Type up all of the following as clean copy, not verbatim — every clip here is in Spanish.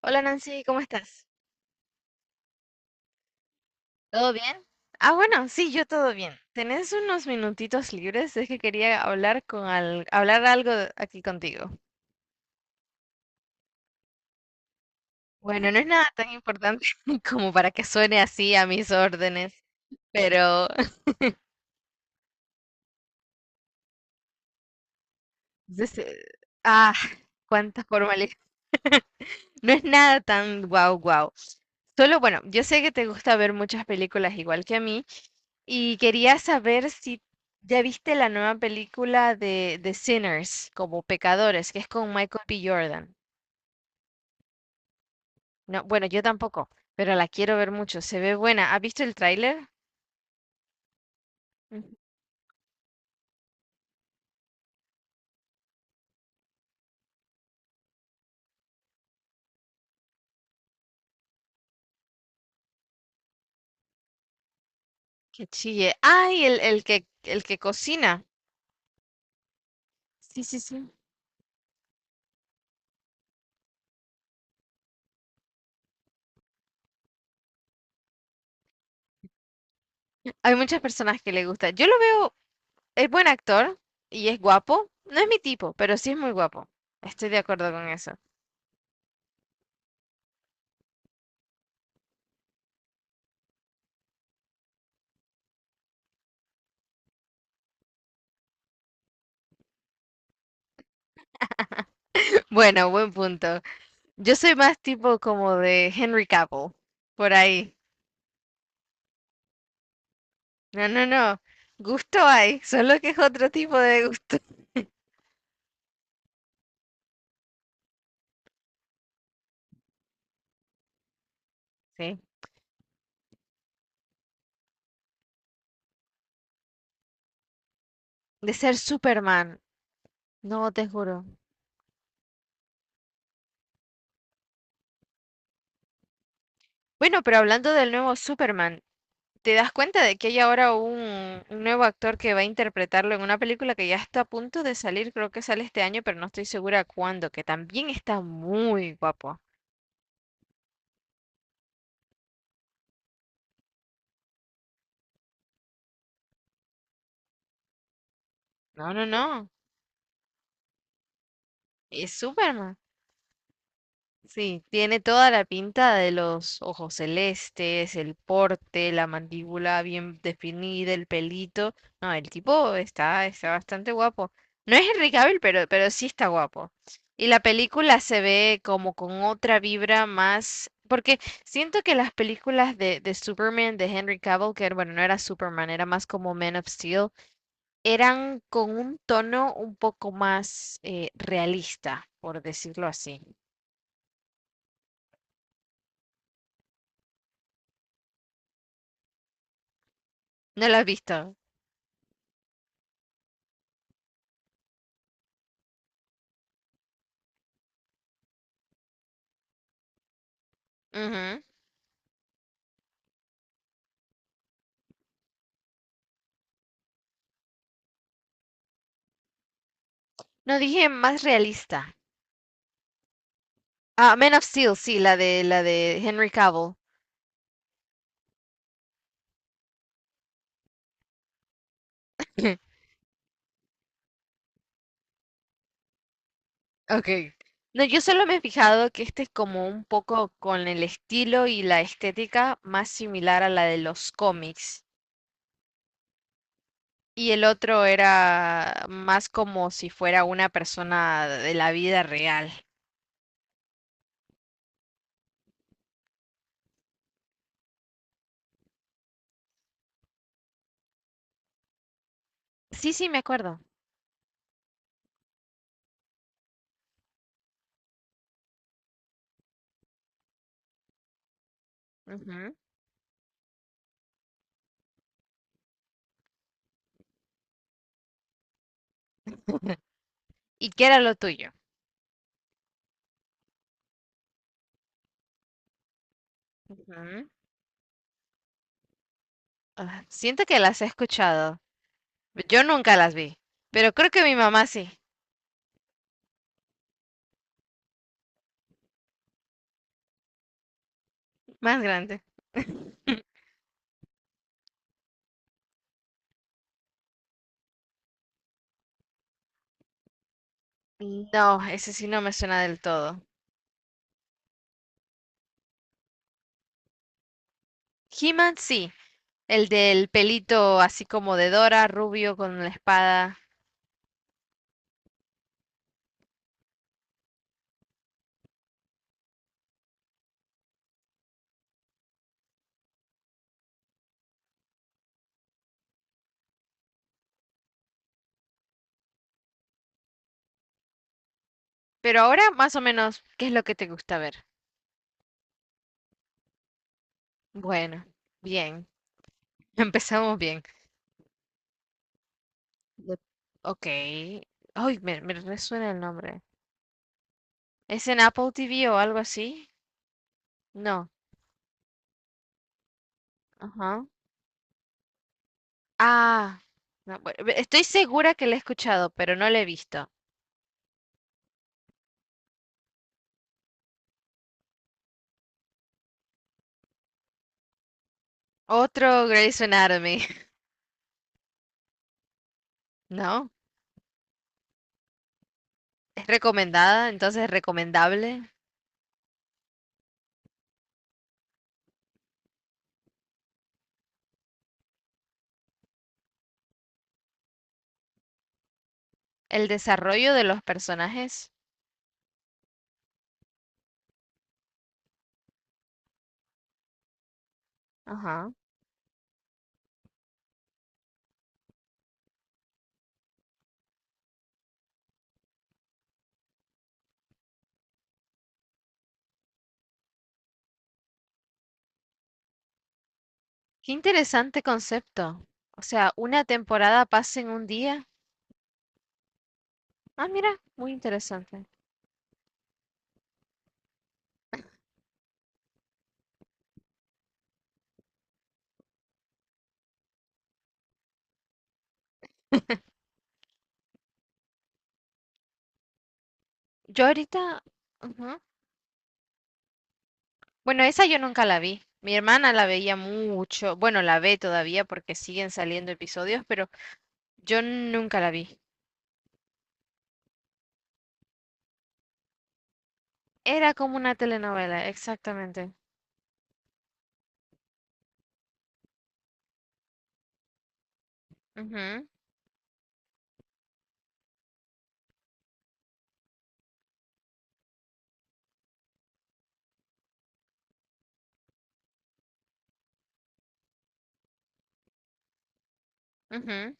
Hola Nancy, ¿cómo estás? ¿Todo bien? Ah, bueno, sí, yo todo bien. ¿Tenés unos minutitos libres? Es que quería hablar con al- hablar algo de- aquí contigo. Bueno, no es nada tan importante como para que suene así a mis órdenes, pero des- eh, ah, cuánta formalidad. No es nada tan guau guau, solo, bueno, yo sé que te gusta ver muchas películas igual que a mí y quería saber si ya viste la nueva película de Sinners, como Pecadores, que es con Michael B. Jordan. No, bueno, yo tampoco, pero la quiero ver mucho. Se ve buena. ¿Has visto el tráiler? Ujú. Que chille. Ay, el que cocina. Sí, sí, sí. Hay muchas personas que le gusta. Yo lo veo, es buen actor y es guapo. No es mi tipo, pero sí es muy guapo. Estoy de acuerdo con eso. Bueno, buen punto. Yo soy más tipo como de Henry Cavill, por ahí. No, no, no. Gusto hay, solo que es otro tipo de gusto. Sí. De ser Superman, no te juro. Bueno, pero hablando del nuevo Superman, ¿te das cuenta de que hay ahora un nuevo actor que va a interpretarlo en una película que ya está a punto de salir? Creo que sale este año, pero no estoy segura cuándo, que también está muy guapo. No, no, no. Es Superman. Sí, tiene toda la pinta de los ojos celestes, el porte, la mandíbula bien definida, el pelito. No, el tipo está bastante guapo. No es Henry Cavill, pero sí está guapo. Y la película se ve como con otra vibra más, porque siento que las películas de Superman, de Henry Cavill, que bueno, no era Superman, era más como Man of Steel, eran con un tono un poco más realista, por decirlo así. ¿No lo has visto? Ujú. No dije más realista. Ah, Man of Steel, sí, la de Henry Cavill. Okay. No, yo solo me he fijado que este es como un poco con el estilo y la estética más similar a la de los cómics. Y el otro era más como si fuera una persona de la vida real. Sí, sí, me acuerdo. Ujú. ¿Y qué era lo tuyo? Ujú. Ah, siento que las he escuchado. Yo nunca las vi, pero creo que mi mamá sí, más grande. No, ese sí no me suena del todo. He-Man sí, el del pelito así como de Dora, rubio con la espada. Pero ahora más o menos, ¿qué es lo que te gusta ver? Bueno, bien, empezamos bien. De- Ok. Ay, me resuena el nombre. ¿Es en Apple TV o algo así? No. Ajá. Ah, no, estoy segura que lo he escuchado, pero no lo he visto. Otro Grey's Anatomy, ¿no? ¿Es recomendada? Entonces, ¿recomendable? El desarrollo de los personajes. Ajá. Qué interesante concepto. O sea, una temporada pasa en un día. Ah, mira, muy interesante. Yo ahorita, ujú. Bueno, esa yo nunca la vi. Mi hermana la veía mucho. Bueno, la ve todavía porque siguen saliendo episodios, pero yo nunca la vi. Era como una telenovela, exactamente. Ujú, ujú.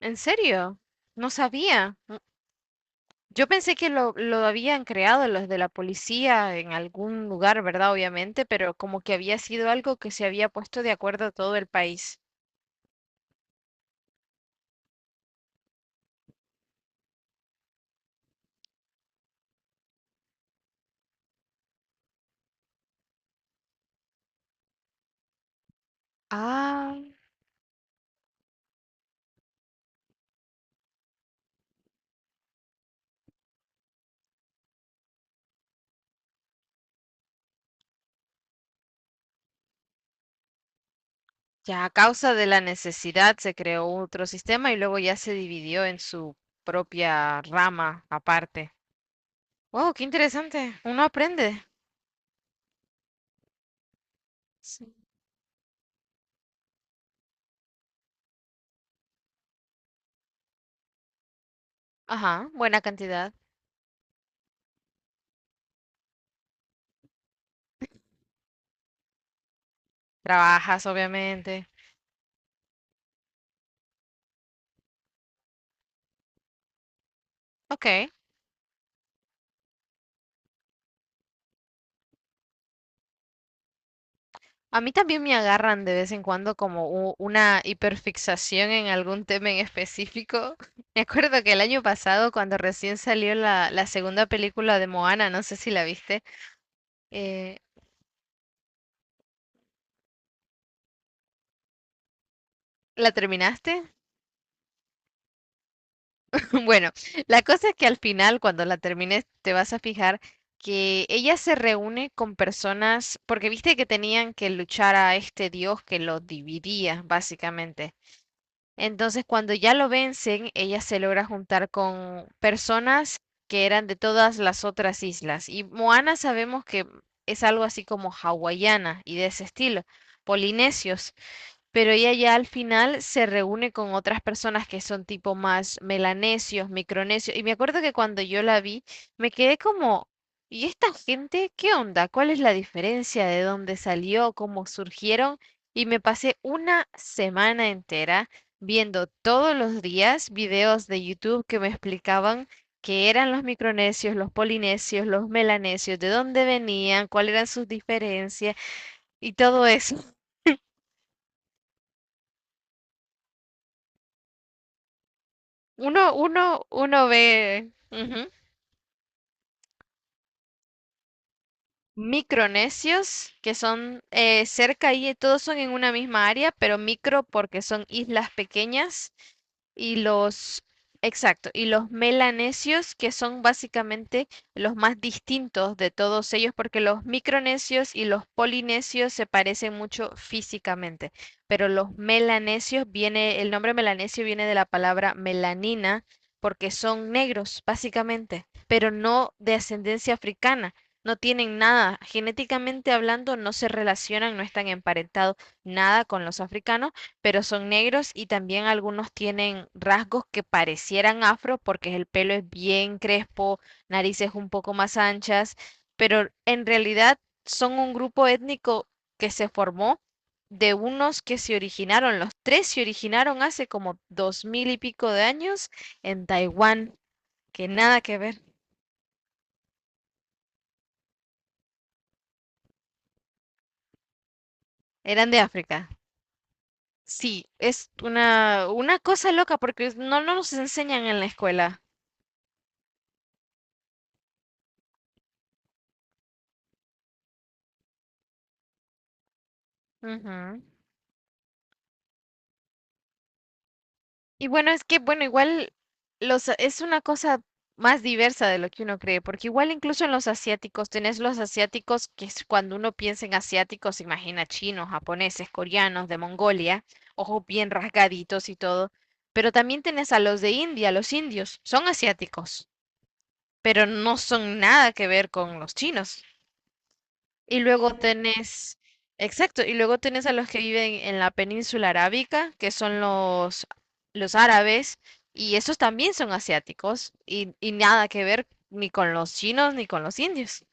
¿En serio? No sabía. Yo pensé que lo habían creado los de la policía en algún lugar, ¿verdad? Obviamente, pero como que había sido algo que se había puesto de acuerdo a todo el país. Ah, ya a causa de la necesidad se creó otro sistema y luego ya se dividió en su propia rama aparte. Wow, qué interesante. Uno aprende. Sí. Ajá, buena cantidad. Trabajas, obviamente. Ok. A mí también me agarran de vez en cuando como una hiperfixación en algún tema en específico. Me acuerdo que el año pasado, cuando recién salió la segunda película de Moana, no sé si la viste, eh, ¿la terminaste? Bueno, la cosa es que al final, cuando la termines, te vas a fijar que ella se reúne con personas, porque viste que tenían que luchar a este dios que los dividía, básicamente. Entonces, cuando ya lo vencen, ella se logra juntar con personas que eran de todas las otras islas. Y Moana sabemos que es algo así como hawaiana y de ese estilo, polinesios. Pero ella ya al final se reúne con otras personas que son tipo más melanesios, micronesios. Y me acuerdo que cuando yo la vi, me quedé como, ¿y esta gente qué onda? ¿Cuál es la diferencia? ¿De dónde salió? ¿Cómo surgieron? Y me pasé una semana entera viendo todos los días videos de YouTube que me explicaban qué eran los micronesios, los polinesios, los melanesios, de dónde venían, cuáles eran sus diferencias y todo eso. Uno ve ujú, micronesios, que son cerca y todos son en una misma área, pero micro porque son islas pequeñas y los, exacto, y los melanesios, que son básicamente los más distintos de todos ellos, porque los micronesios y los polinesios se parecen mucho físicamente, pero los melanesios viene, el nombre melanesio viene de la palabra melanina, porque son negros, básicamente, pero no de ascendencia africana. No tienen nada, genéticamente hablando, no se relacionan, no están emparentados nada con los africanos pero son negros y también algunos tienen rasgos que parecieran afro porque el pelo es bien crespo, narices un poco más anchas, pero en realidad son un grupo étnico que se formó de unos que se originaron, los tres se originaron hace como 2000 y pico de años en Taiwán, que nada que ver, eran de África. Sí, es una cosa loca porque no nos enseñan en la escuela. Ujú. Y bueno, es que, bueno, igual los, es una cosa más diversa de lo que uno cree, porque igual incluso en los asiáticos, tenés los asiáticos, que es cuando uno piensa en asiáticos, se imagina chinos, japoneses, coreanos, de Mongolia, ojos bien rasgaditos y todo, pero también tenés a los de India, los indios, son asiáticos, pero no son nada que ver con los chinos. Y luego tenés, exacto, y luego tenés a los que viven en la península arábica, que son los árabes, y esos también son asiáticos, y nada que ver ni con los chinos ni con los indios.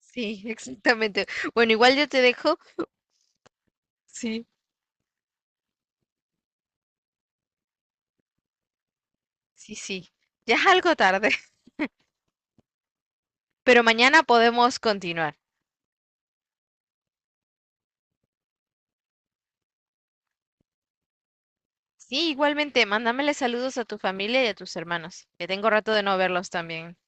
Sí, exactamente. Bueno, igual yo te dejo. Sí, sí, sí. Ya es algo tarde, pero mañana podemos continuar. Sí, igualmente, mándamele saludos a tu familia y a tus hermanos, que tengo rato de no verlos también.